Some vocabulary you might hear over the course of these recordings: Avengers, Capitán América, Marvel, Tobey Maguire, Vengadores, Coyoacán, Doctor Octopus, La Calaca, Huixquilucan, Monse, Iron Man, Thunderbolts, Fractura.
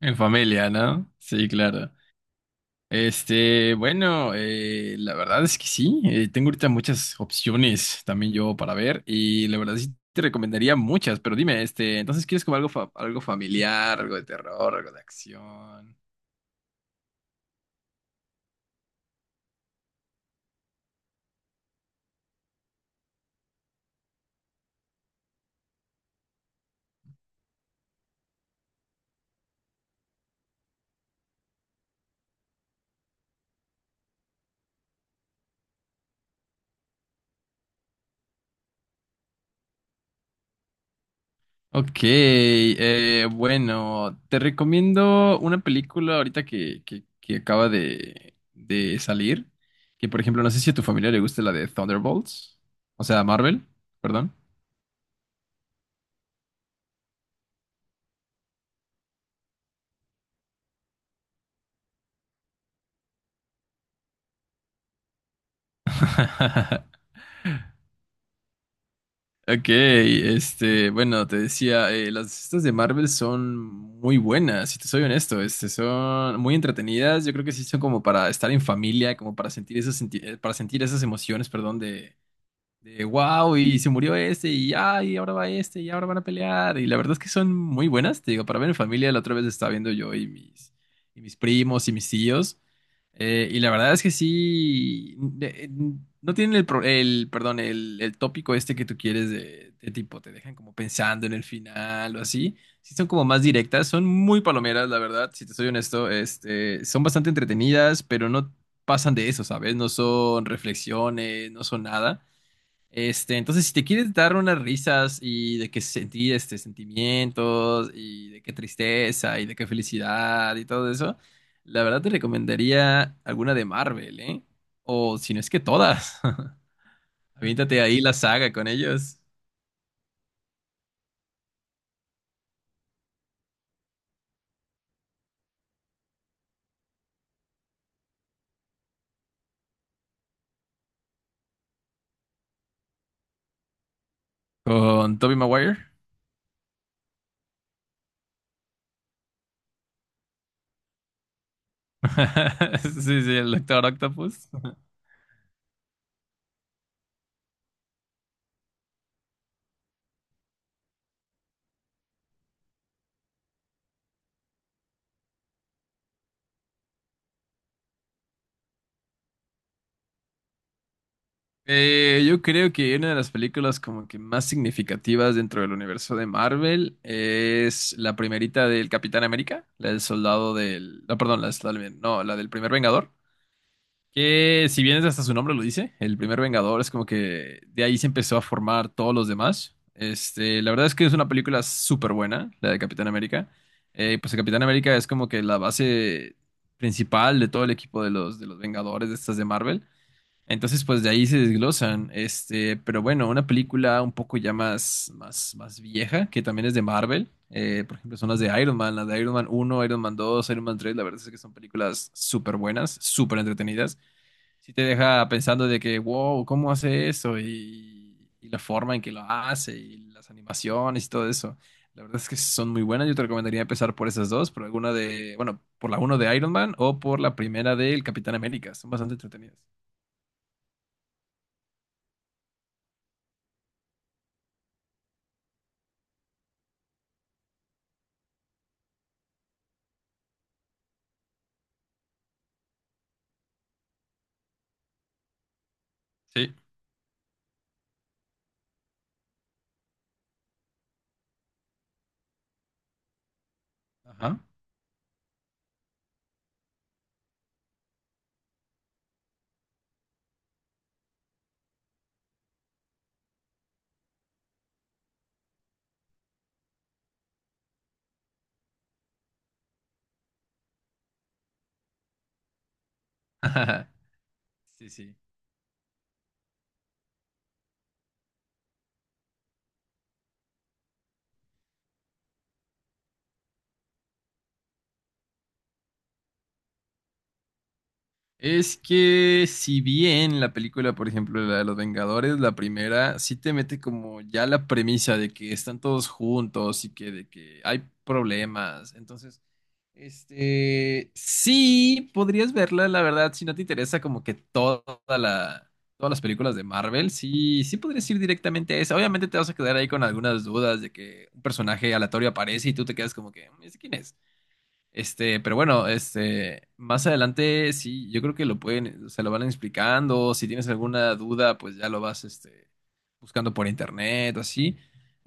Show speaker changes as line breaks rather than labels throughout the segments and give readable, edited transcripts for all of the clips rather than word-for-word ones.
En familia, ¿no? Sí, claro. Este, bueno, la verdad es que sí. Tengo ahorita muchas opciones también yo para ver y la verdad sí te recomendaría muchas, pero dime, este, entonces quieres como algo, algo familiar, algo de terror, algo de acción. Ok, bueno, te recomiendo una película ahorita que acaba de salir, que por ejemplo, no sé si a tu familia le gusta la de Thunderbolts, o sea, Marvel, perdón. Ok, este, bueno, te decía, las estas de Marvel son muy buenas, si te soy honesto, este, son muy entretenidas, yo creo que sí son como para estar en familia, como para sentir esas, para sentir esas emociones, perdón, de. De wow, y se murió este, y ay, ahora va este, y ahora van a pelear. Y la verdad es que son muy buenas, te digo, para ver en familia, la otra vez estaba viendo y mis primos y mis tíos. Y la verdad es que sí, no tienen el, el tópico este que tú quieres de tipo, te dejan como pensando en el final o así. Sí son como más directas, son muy palomeras, la verdad, si te soy honesto, este, son bastante entretenidas, pero no pasan de eso, ¿sabes? No son reflexiones, no son nada. Este, entonces, si te quieres dar unas risas y de que sentir este sentimientos y de qué tristeza y de qué felicidad y todo eso, la verdad te recomendaría alguna de Marvel, ¿eh? O si no es que todas. Aviéntate ahí la saga con ellos. Con Tobey Maguire. Sí, sí, el Doctor Octopus. Yo creo que una de las películas como que más significativas dentro del universo de Marvel es la primerita del Capitán América, la del soldado del... No, perdón, la del soldado del- No, la del primer Vengador. Que si bien es hasta su nombre lo dice, el primer Vengador es como que de ahí se empezó a formar todos los demás. Este, la verdad es que es una película súper buena, la de Capitán América. Pues el Capitán América es como que la base principal de todo el equipo de de los Vengadores de estas de Marvel. Entonces, pues de ahí se desglosan. Este, pero bueno, una película un poco ya más vieja, que también es de Marvel. Por ejemplo, son las de Iron Man, las de Iron Man uno, Iron Man dos, Iron Man tres. La verdad es que son películas súper buenas, súper entretenidas. Sí te deja pensando de que, wow, ¿cómo hace eso? Y la forma en que lo hace, y las animaciones y todo eso. La verdad es que son muy buenas. Yo te recomendaría empezar por esas dos, por alguna de, bueno, por la uno de Iron Man o por la primera del Capitán América. Son bastante entretenidas. Sí. Ajá. Sí, sí. Es que si bien la película, por ejemplo, la de los Vengadores, la primera, sí te mete como ya la premisa de que están todos juntos y que de que hay problemas. Entonces, este, sí, podrías verla, la verdad, si no te interesa como que toda la, todas las películas de Marvel, sí, sí podrías ir directamente a esa. Obviamente te vas a quedar ahí con algunas dudas de que un personaje aleatorio aparece y tú te quedas como que, "¿Ese quién es? Este, pero bueno, este, más adelante sí, yo creo que lo pueden, se lo van explicando. Si tienes alguna duda, pues ya lo vas, este, buscando por internet, así.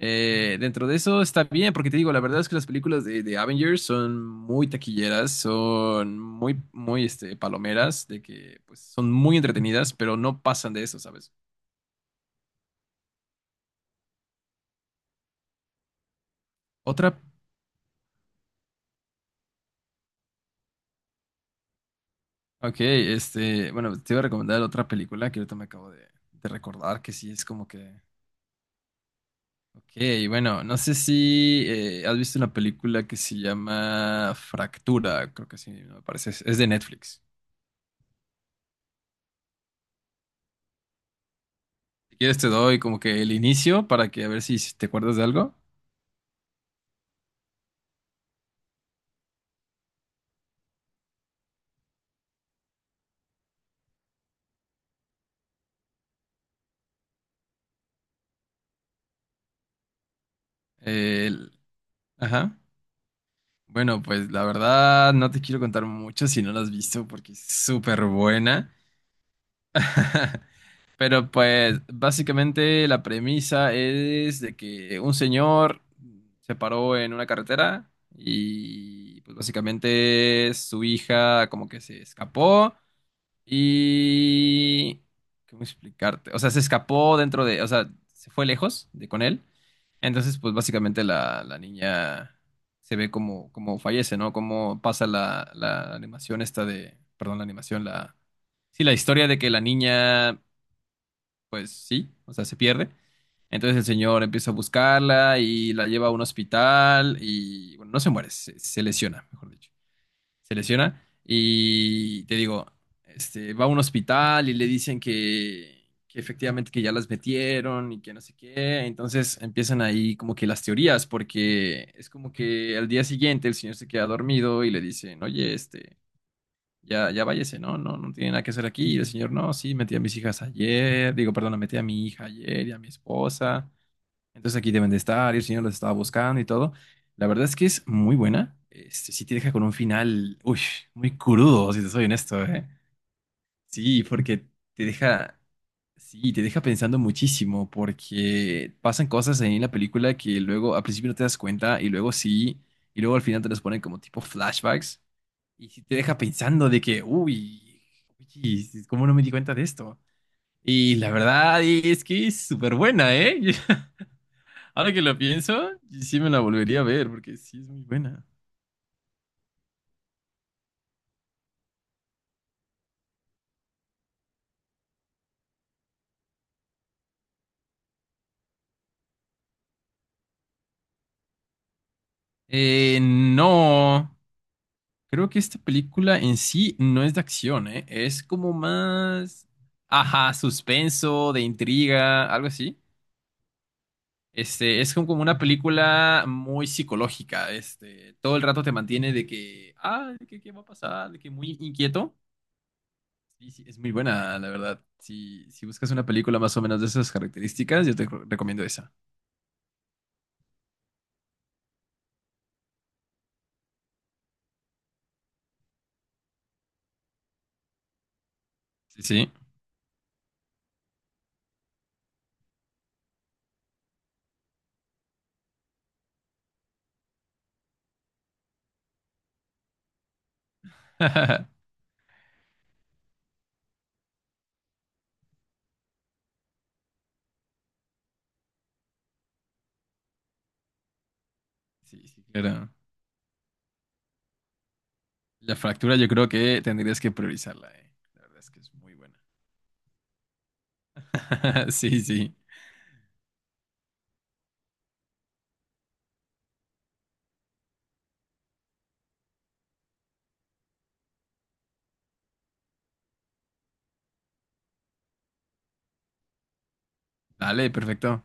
Dentro de eso está bien, porque te digo, la verdad es que las películas de Avengers son muy taquilleras, son este, palomeras, de que, pues, son muy entretenidas, pero no pasan de eso, ¿sabes? Otra, ok, este, bueno, te iba a recomendar otra película que ahorita me acabo de recordar, que sí es como que ok, bueno, no sé si has visto una película que se llama Fractura, creo que sí, me parece, es de Netflix. Si quieres te doy como que el inicio para que a ver si te acuerdas de algo. El- ajá. Bueno, pues la verdad no te quiero contar mucho si no la has visto porque es súper buena. Pero pues básicamente la premisa es de que un señor se paró en una carretera y pues básicamente su hija como que se escapó y... ¿Cómo explicarte? O sea, se escapó dentro de... O sea, se fue lejos de con él. Entonces pues básicamente la niña se ve como, como fallece, ¿no? Como pasa la animación esta de... Perdón, la animación, la... Sí, la historia de que la niña pues sí, o sea, se pierde. Entonces el señor empieza a buscarla y la lleva a un hospital y, bueno, no se muere, se lesiona, mejor dicho. Se lesiona y te digo, este, va a un hospital y le dicen que efectivamente que ya las metieron y que no sé qué. Entonces empiezan ahí como que las teorías, porque es como que al día siguiente el señor se queda dormido y le dicen, oye, este ya, ya váyase, ¿no? No tiene nada que hacer aquí. Y el señor, no, sí, metí a mis hijas ayer, digo, perdón, metí a mi hija ayer y a mi esposa. Entonces aquí deben de estar, y el señor los estaba buscando y todo. La verdad es que es muy buena. Este, sí te deja con un final, uy, muy crudo, si te soy honesto, ¿eh? Sí, porque te deja, sí, te deja pensando muchísimo, porque pasan cosas ahí en la película que luego al principio no te das cuenta y luego sí, y luego al final te las ponen como tipo flashbacks. Y si te deja pensando de que, uy, uy, ¿cómo no me di cuenta de esto? Y la verdad es que es súper buena, ¿eh? Ahora que lo pienso, sí me la volvería a ver porque sí es muy buena. No, creo que esta película en sí no es de acción, ¿eh? Es como más, ajá, suspenso, de intriga, algo así. Este, es como una película muy psicológica, este, todo el rato te mantiene de que, ah, de que, ¿qué va a pasar? De que muy inquieto. Sí, sí, es muy buena, la verdad. Si, si buscas una película más o menos de esas características, recomiendo esa. Sí, sí. Sí, sí, claro. La fractura yo creo que tendrías que priorizarla, eh. La verdad es que es muy buena. Sí, sí. Dale, perfecto.